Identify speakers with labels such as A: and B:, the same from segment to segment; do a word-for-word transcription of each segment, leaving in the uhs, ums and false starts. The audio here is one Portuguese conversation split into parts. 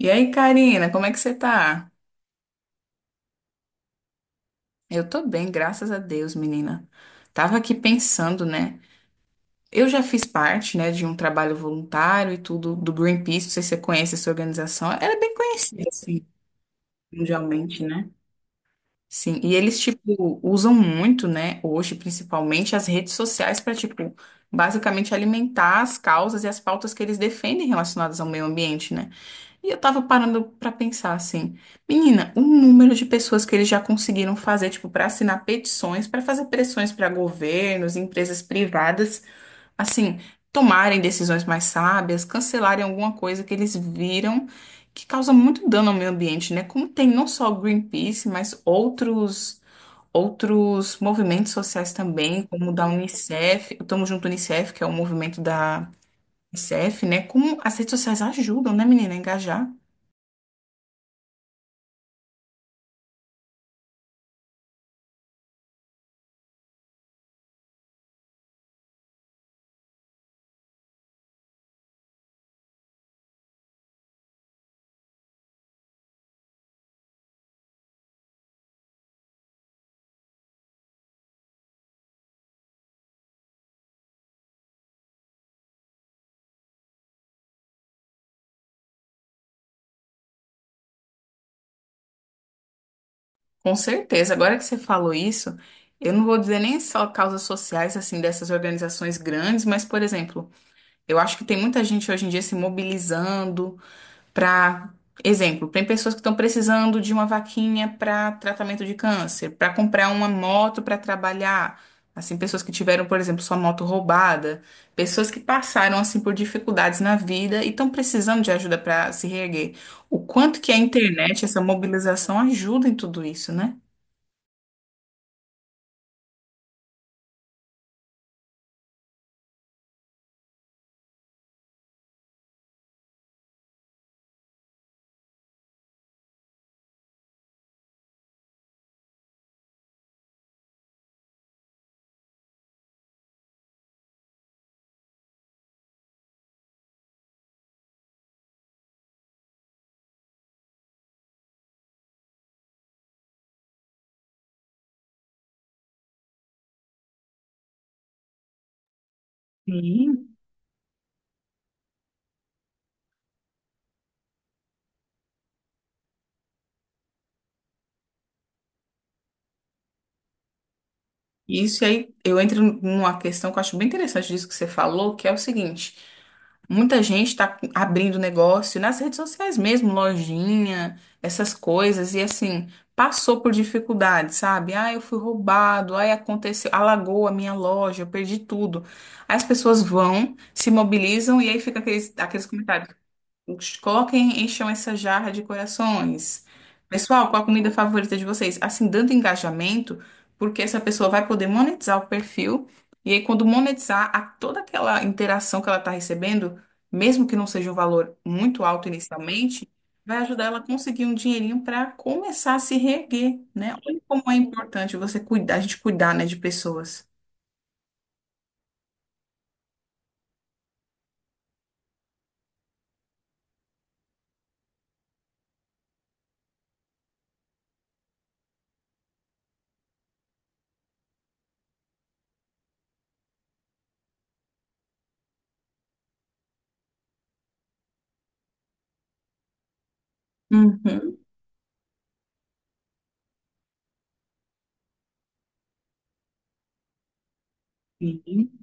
A: E aí, Karina, como é que você tá? Eu tô bem, graças a Deus, menina. Tava aqui pensando, né? Eu já fiz parte, né, de um trabalho voluntário e tudo do Greenpeace, não sei se você conhece essa organização. Ela é bem conhecida, assim, mundialmente, né? Sim, e eles, tipo, usam muito, né, hoje, principalmente, as redes sociais para, tipo, basicamente alimentar as causas e as pautas que eles defendem relacionadas ao meio ambiente, né? E eu tava parando pra pensar assim, menina, o número de pessoas que eles já conseguiram fazer, tipo, pra assinar petições, pra fazer pressões pra governos, empresas privadas, assim, tomarem decisões mais sábias, cancelarem alguma coisa que eles viram que causa muito dano ao meio ambiente, né? Como tem não só o Greenpeace, mas outros outros movimentos sociais também, como o da Unicef, o Tamo Junto Unicef, que é o movimento da Unicef, né? Como as redes sociais ajudam, né, menina, a engajar. Com certeza. Agora que você falou isso, eu não vou dizer nem só causas sociais assim dessas organizações grandes, mas, por exemplo, eu acho que tem muita gente hoje em dia se mobilizando para, exemplo, tem pessoas que estão precisando de uma vaquinha para tratamento de câncer, para comprar uma moto para trabalhar. Assim, pessoas que tiveram, por exemplo, sua moto roubada, pessoas que passaram assim por dificuldades na vida e estão precisando de ajuda para se reerguer. O quanto que a internet, essa mobilização ajuda em tudo isso, né? Sim. Isso e aí, eu entro numa questão que eu acho bem interessante disso que você falou, que é o seguinte: muita gente está abrindo negócio nas redes sociais mesmo, lojinha, essas coisas, e assim, passou por dificuldades, sabe? Ah, eu fui roubado, aí aconteceu, alagou a minha loja, eu perdi tudo. Aí as pessoas vão, se mobilizam e aí fica aqueles, aqueles comentários. Coloquem, encham essa jarra de corações. Pessoal, qual a comida favorita de vocês? Assim, dando engajamento, porque essa pessoa vai poder monetizar o perfil. E aí, quando monetizar, a toda aquela interação que ela está recebendo, mesmo que não seja um valor muito alto inicialmente, vai ajudar ela a conseguir um dinheirinho para começar a se reerguer, né? Olha como é importante você cuidar, a gente cuidar, né, de pessoas. Uhum. Sim.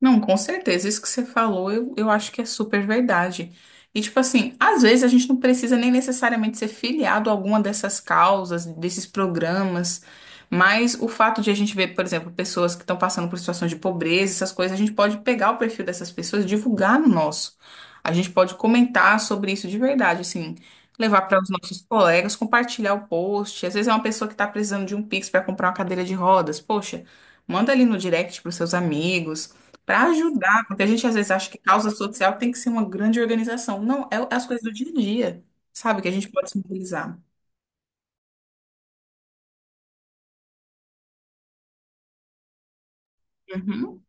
A: Não, com certeza. Isso que você falou, eu, eu acho que é super verdade. E, tipo assim, às vezes a gente não precisa nem necessariamente ser filiado a alguma dessas causas, desses programas, mas o fato de a gente ver, por exemplo, pessoas que estão passando por situações de pobreza, essas coisas, a gente pode pegar o perfil dessas pessoas e divulgar no nosso. A gente pode comentar sobre isso de verdade, assim, levar para os nossos colegas, compartilhar o post. Às vezes é uma pessoa que está precisando de um Pix para comprar uma cadeira de rodas. Poxa, manda ali no direct para os seus amigos. Para ajudar, porque a gente às vezes acha que causa social tem que ser uma grande organização. Não, é é as coisas do dia a dia, sabe? Que a gente pode se mobilizar. Uhum.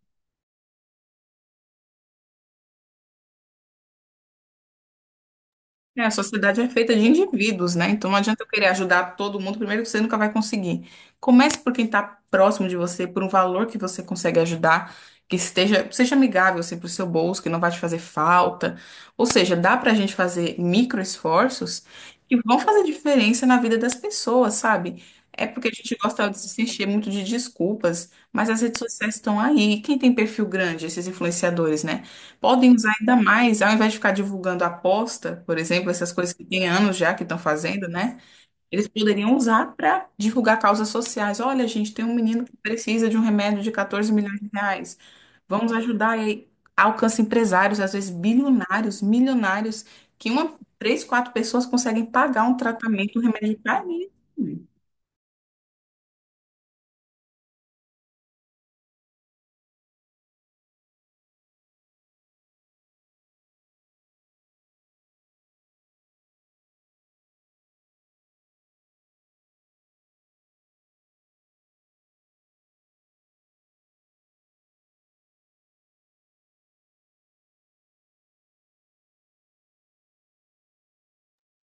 A: É, a sociedade é feita de indivíduos, né? Então não adianta eu querer ajudar todo mundo, primeiro que você nunca vai conseguir. Comece por quem está próximo de você, por um valor que você consegue ajudar, que esteja, seja amigável assim, para o seu bolso, que não vai te fazer falta. Ou seja, dá para a gente fazer micro esforços que vão fazer diferença na vida das pessoas, sabe? É porque a gente gosta de se encher muito de desculpas, mas as redes sociais estão aí. Quem tem perfil grande, esses influenciadores, né? Podem usar ainda mais, ao invés de ficar divulgando aposta, por exemplo, essas coisas que tem anos já que estão fazendo, né? Eles poderiam usar para divulgar causas sociais. Olha, gente, tem um menino que precisa de um remédio de quatorze milhões de reais. Vamos ajudar e aí alcança empresários, às vezes bilionários, milionários, que uma, três, quatro pessoas conseguem pagar um tratamento, um remédio para ele.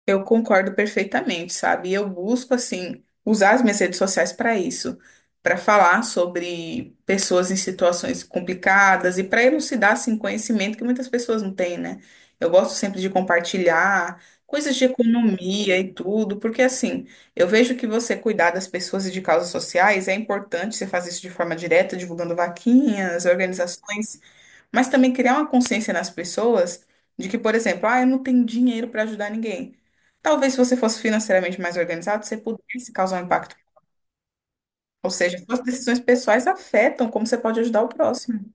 A: Eu concordo perfeitamente, sabe? E eu busco, assim, usar as minhas redes sociais para isso, para falar sobre pessoas em situações complicadas e para elucidar, assim, conhecimento que muitas pessoas não têm, né? Eu gosto sempre de compartilhar coisas de economia e tudo, porque, assim, eu vejo que você cuidar das pessoas e de causas sociais é importante, você faz isso de forma direta, divulgando vaquinhas, organizações. Mas também criar uma consciência nas pessoas de que, por exemplo, ah, eu não tenho dinheiro para ajudar ninguém. Talvez se você fosse financeiramente mais organizado, você pudesse causar um impacto. Ou seja, suas decisões pessoais afetam como você pode ajudar o próximo.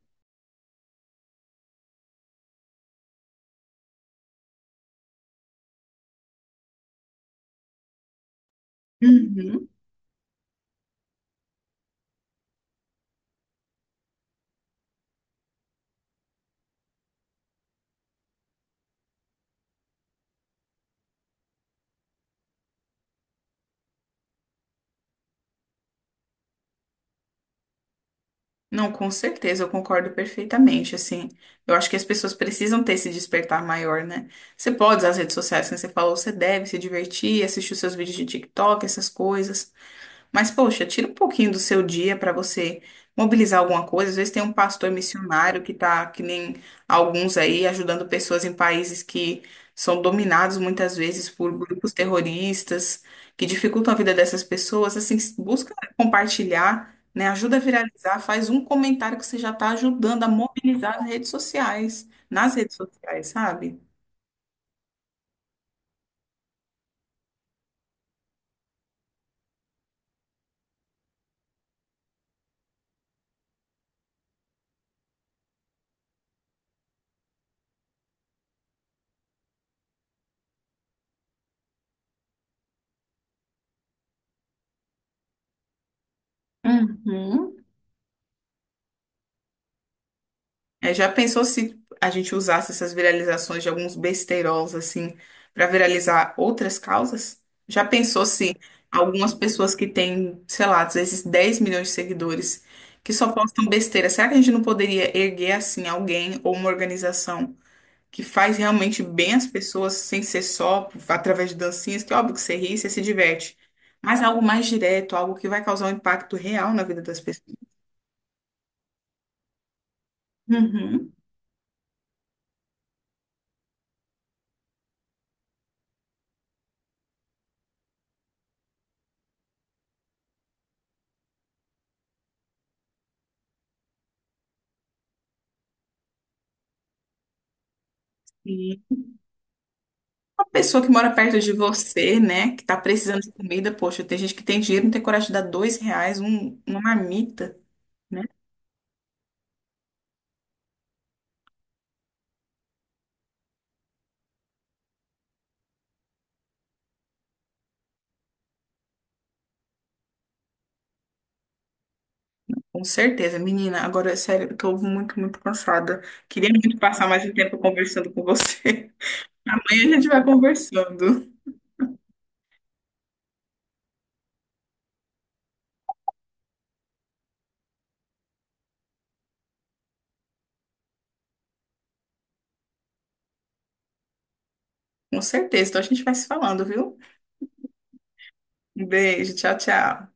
A: Uhum. Não, com certeza, eu concordo perfeitamente, assim. Eu acho que as pessoas precisam ter esse despertar maior, né? Você pode usar as redes sociais, como você falou, você deve se divertir, assistir os seus vídeos de TikTok, essas coisas. Mas, poxa, tira um pouquinho do seu dia para você mobilizar alguma coisa. Às vezes tem um pastor missionário que tá, que nem alguns aí, ajudando pessoas em países que são dominados muitas vezes por grupos terroristas, que dificultam a vida dessas pessoas. Assim, busca compartilhar, né? Ajuda a viralizar, faz um comentário que você já está ajudando a mobilizar as redes sociais, nas redes sociais, sabe? Uhum. É, já pensou se a gente usasse essas viralizações de alguns besteiros assim para viralizar outras causas? Já pensou se algumas pessoas que têm, sei lá, às vezes dez milhões de seguidores que só postam besteira, será que a gente não poderia erguer assim alguém ou uma organização que faz realmente bem às pessoas sem ser só através de dancinhas, que é óbvio que você ri, você se diverte, mas algo mais direto, algo que vai causar um impacto real na vida das pessoas? Uhum. Pessoa que mora perto de você, né, que tá precisando de comida, poxa, tem gente que tem dinheiro, não tem coragem de dar dois reais, um- uma marmita, né? Com certeza, menina. Agora, sério, eu tô muito, muito cansada. Queria muito passar mais um tempo conversando com você. Amanhã a gente vai conversando. Com certeza. Então a gente vai se falando, viu? Um beijo, tchau, tchau.